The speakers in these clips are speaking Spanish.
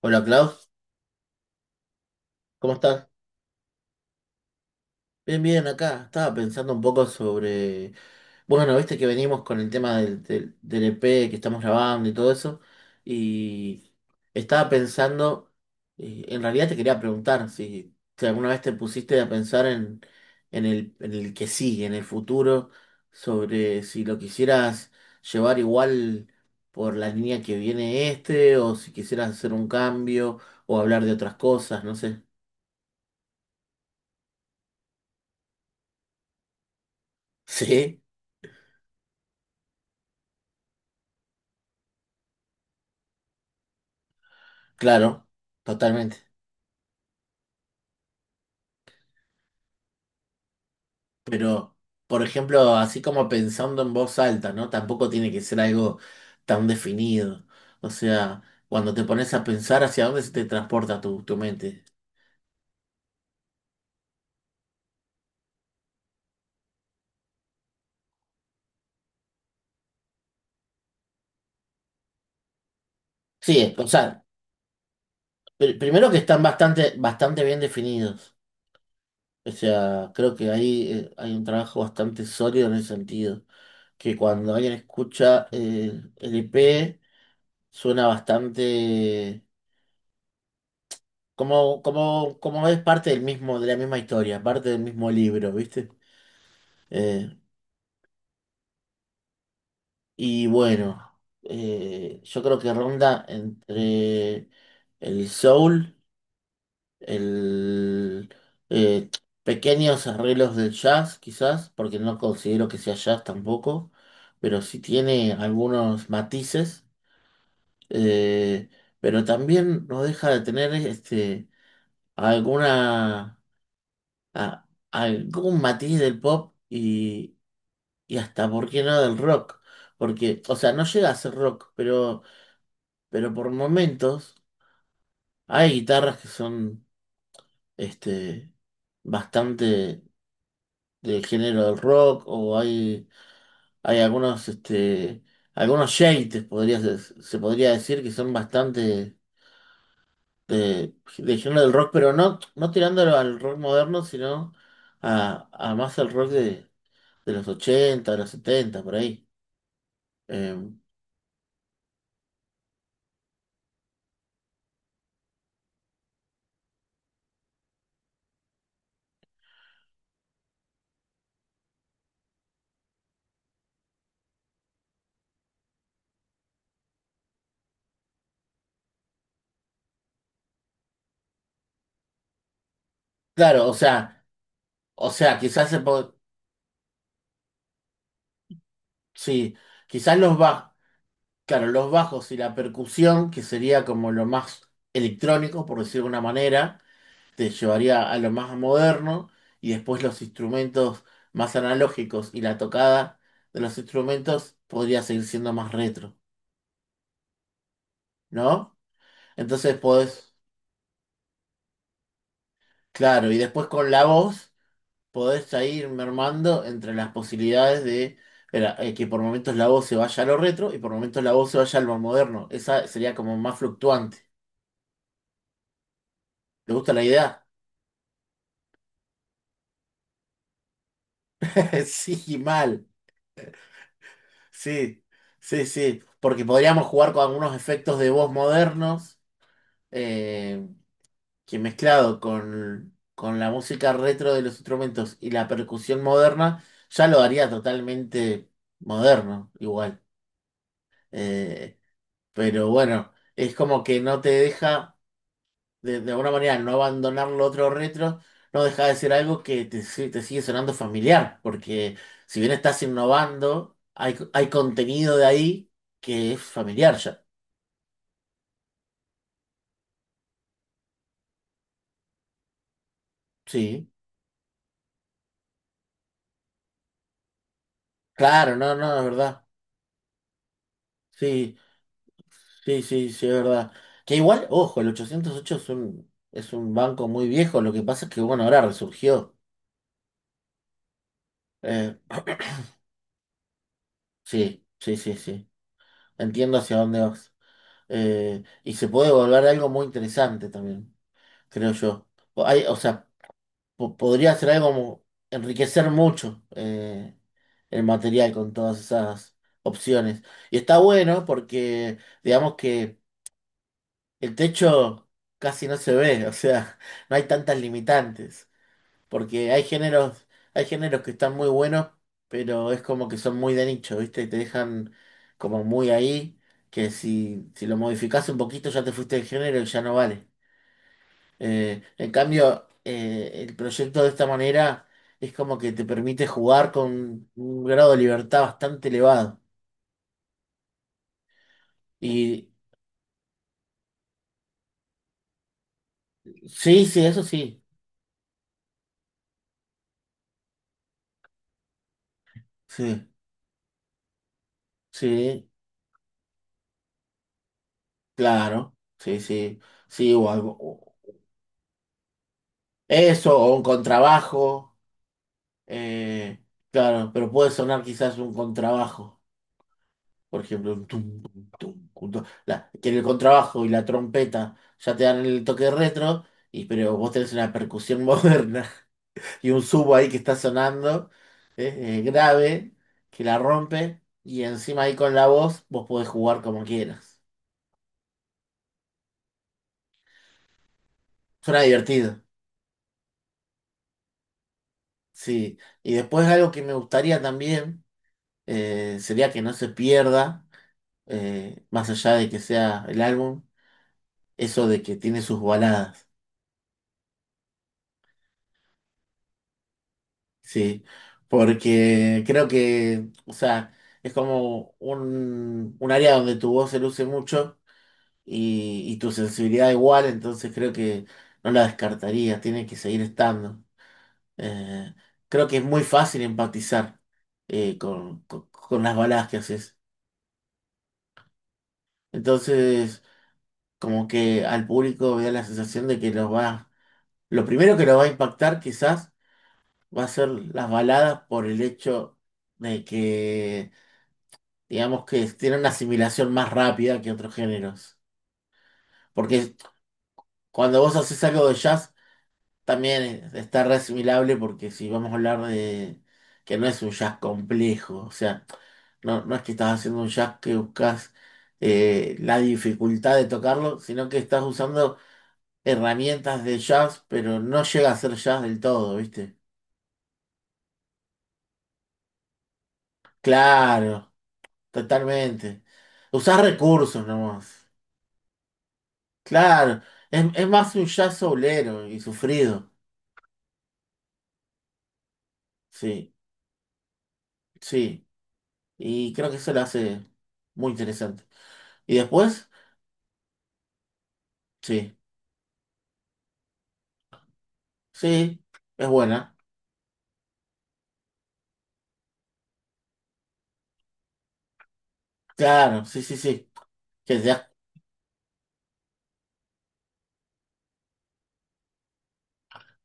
Hola Klaus, ¿cómo estás? Bien, bien, acá. Estaba pensando un poco sobre... Bueno, viste que venimos con el tema del EP que estamos grabando y todo eso. Y estaba pensando, en realidad te quería preguntar si alguna vez te pusiste a pensar en, en el que sigue, en el futuro, sobre si lo quisieras llevar igual por la línea que viene este, o si quisieras hacer un cambio, o hablar de otras cosas, no sé. ¿Sí? Claro, totalmente. Pero, por ejemplo, así como pensando en voz alta, ¿no? Tampoco tiene que ser algo tan definido. O sea, cuando te pones a pensar hacia dónde se te transporta tu mente. Sí, o sea, primero que están bastante bien definidos. O sea, creo que ahí hay un trabajo bastante sólido en ese sentido. Que cuando alguien escucha el EP, suena bastante. Como es parte del mismo, de la misma historia, parte del mismo libro, ¿viste? Eh, y bueno, yo creo que ronda entre el soul, el eh, pequeños arreglos del jazz, quizás, porque no considero que sea jazz tampoco, pero sí tiene algunos matices, eh, pero también no deja de tener este alguna a algún matiz del pop y hasta, ¿por qué no del rock? Porque, o sea, no llega a ser rock, pero por momentos hay guitarras que son este, bastante del género del rock o hay algunos, algunos shades, se podría decir, que son bastante de género del rock, pero no, no tirándolo al rock moderno, sino a más al rock de los 80 de los 70 por ahí. Eh, claro, o sea, quizás sí, quizás los bajos, claro, los bajos y la percusión, que sería como lo más electrónico, por decirlo de una manera, te llevaría a lo más moderno, y después los instrumentos más analógicos y la tocada de los instrumentos podría seguir siendo más retro, ¿no? Entonces podés, claro, y después con la voz. Podés ya ir mermando entre las posibilidades de que por momentos la voz se vaya a lo retro y por momentos la voz se vaya a lo moderno. Esa sería como más fluctuante. ¿Te gusta la idea? Sí, mal. Sí, sí, sí. Porque podríamos jugar con algunos efectos de voz modernos eh, que mezclado con la música retro de los instrumentos y la percusión moderna, ya lo haría totalmente moderno, igual. Eh, Pero bueno, es como que no te deja, de alguna manera, no abandonar lo otro retro, no deja de ser algo te sigue sonando familiar, porque si bien estás innovando, hay contenido de ahí que es familiar ya. Sí, claro, no, no, es verdad. Sí, sí, sí, sí, es verdad. Que igual, ojo, el 808 es un banco muy viejo, lo que pasa es que, bueno, ahora resurgió. Eh, sí, sí, sí, sí. Entiendo hacia dónde vas. Y se puede volver algo muy interesante también, creo yo. O Hay, o sea, po- Podría ser algo como enriquecer mucho el material con todas esas opciones. Y está bueno porque, digamos que el techo casi no se ve, o sea, no hay tantas limitantes. Porque hay géneros que están muy buenos, pero es como que son muy de nicho, ¿viste? Y te dejan como muy ahí, que si lo modificás un poquito ya te fuiste del género y ya no vale. En cambio, el proyecto de esta manera es como que te permite jugar con un grado de libertad bastante elevado. Y sí, sí, eso sí. Sí, sí, claro. Sí, sí. Sí, o algo. o- Eso, o un contrabajo. Eh, claro, pero puede sonar quizás un contrabajo, por ejemplo, un tum, tum, tum, un tum. Que el contrabajo y la trompeta ya te dan el toque retro, y, pero vos tenés una percusión moderna y un subo ahí que está sonando grave, que la rompe, y encima ahí con la voz vos podés jugar como quieras. Suena divertido, sí. Y después algo que me gustaría también sería que no se pierda, más allá de que sea el álbum. Eso de que tiene sus baladas, sí, porque creo que, o sea, es como un área donde tu voz se luce mucho y tu sensibilidad igual, entonces creo que no la descartaría, tiene que seguir estando. Eh, Creo que es muy fácil empatizar con las baladas que haces. Entonces, como que al público me da la sensación de que los va, lo primero que lo va a impactar quizás va a ser las baladas por el hecho de que, digamos que tienen una asimilación más rápida que otros géneros. Porque cuando vos haces algo de jazz, también está re asimilable porque si vamos a hablar de que no es un jazz complejo, o sea, no, no es que estás haciendo un jazz que buscas la dificultad de tocarlo, sino que estás usando herramientas de jazz, pero no llega a ser jazz del todo, ¿viste? Claro. Totalmente. Usar recursos nomás. Claro, es más un jazz soulero y sufrido. Sí, sí. Y creo que eso lo hace muy interesante. ¿Y después? Sí, sí, es buena. Claro, sí, sí, sí. Que ya,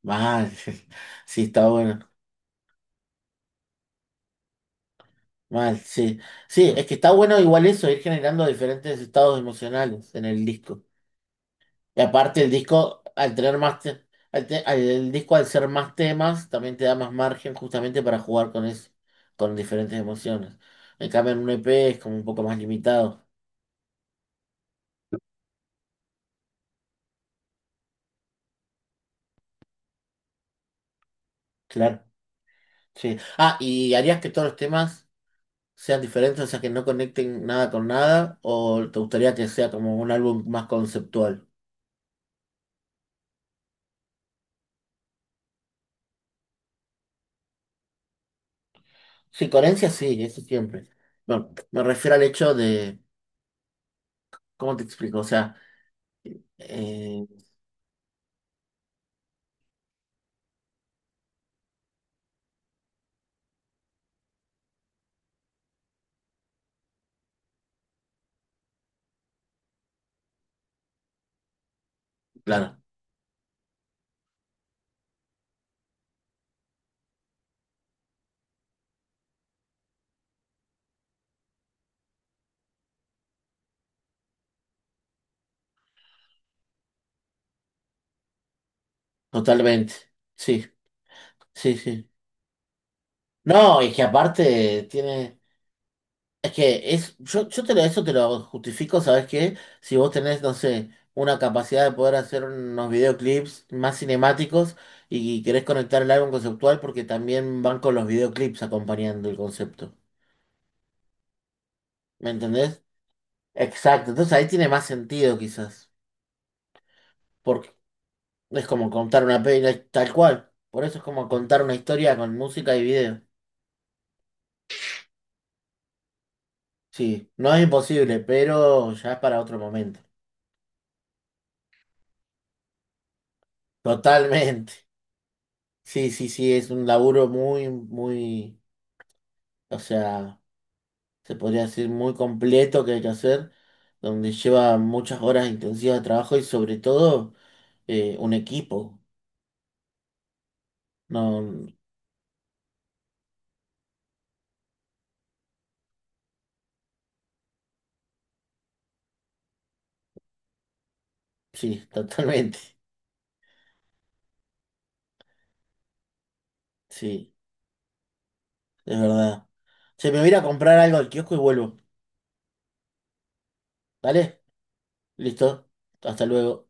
mal. Sí, está bueno. Mal, sí. Sí, es que está bueno igual eso, ir generando diferentes estados emocionales en el disco. Y aparte el disco, al tener más te- al- el disco al ser más temas, también te da más margen justamente para jugar con eso, con diferentes emociones. En cambio, en un EP es como un poco más limitado, claro. Sí. Ah, ¿y harías que todos los temas sean diferentes, o sea, que no conecten nada con nada? ¿O te gustaría que sea como un álbum más conceptual? Sí, coherencia sí, eso siempre. Bueno, me refiero al hecho de, ¿cómo te explico? Eh, claro, totalmente. Sí, sí, sí. No, es que aparte tiene. Es que es. Yo te lo, eso te lo justifico, ¿sabes qué? Si vos tenés, no sé, una capacidad de poder hacer unos videoclips más cinemáticos y querés conectar el álbum conceptual porque también van con los videoclips acompañando el concepto. ¿Me entendés? Exacto. Entonces ahí tiene más sentido quizás. Porque es como contar una peli tal cual. Por eso es como contar una historia con música y video. Sí, no es imposible, pero ya es para otro momento. Totalmente. Sí, sí, sí, es un laburo muy, muy, o sea, se podría decir muy completo que hay que hacer, donde lleva muchas horas intensivas de trabajo y sobre todo un equipo. No, sí, totalmente. Sí, es verdad. Se me voy a ir a comprar algo al kiosco y vuelvo. ¿Vale? Listo. Hasta luego.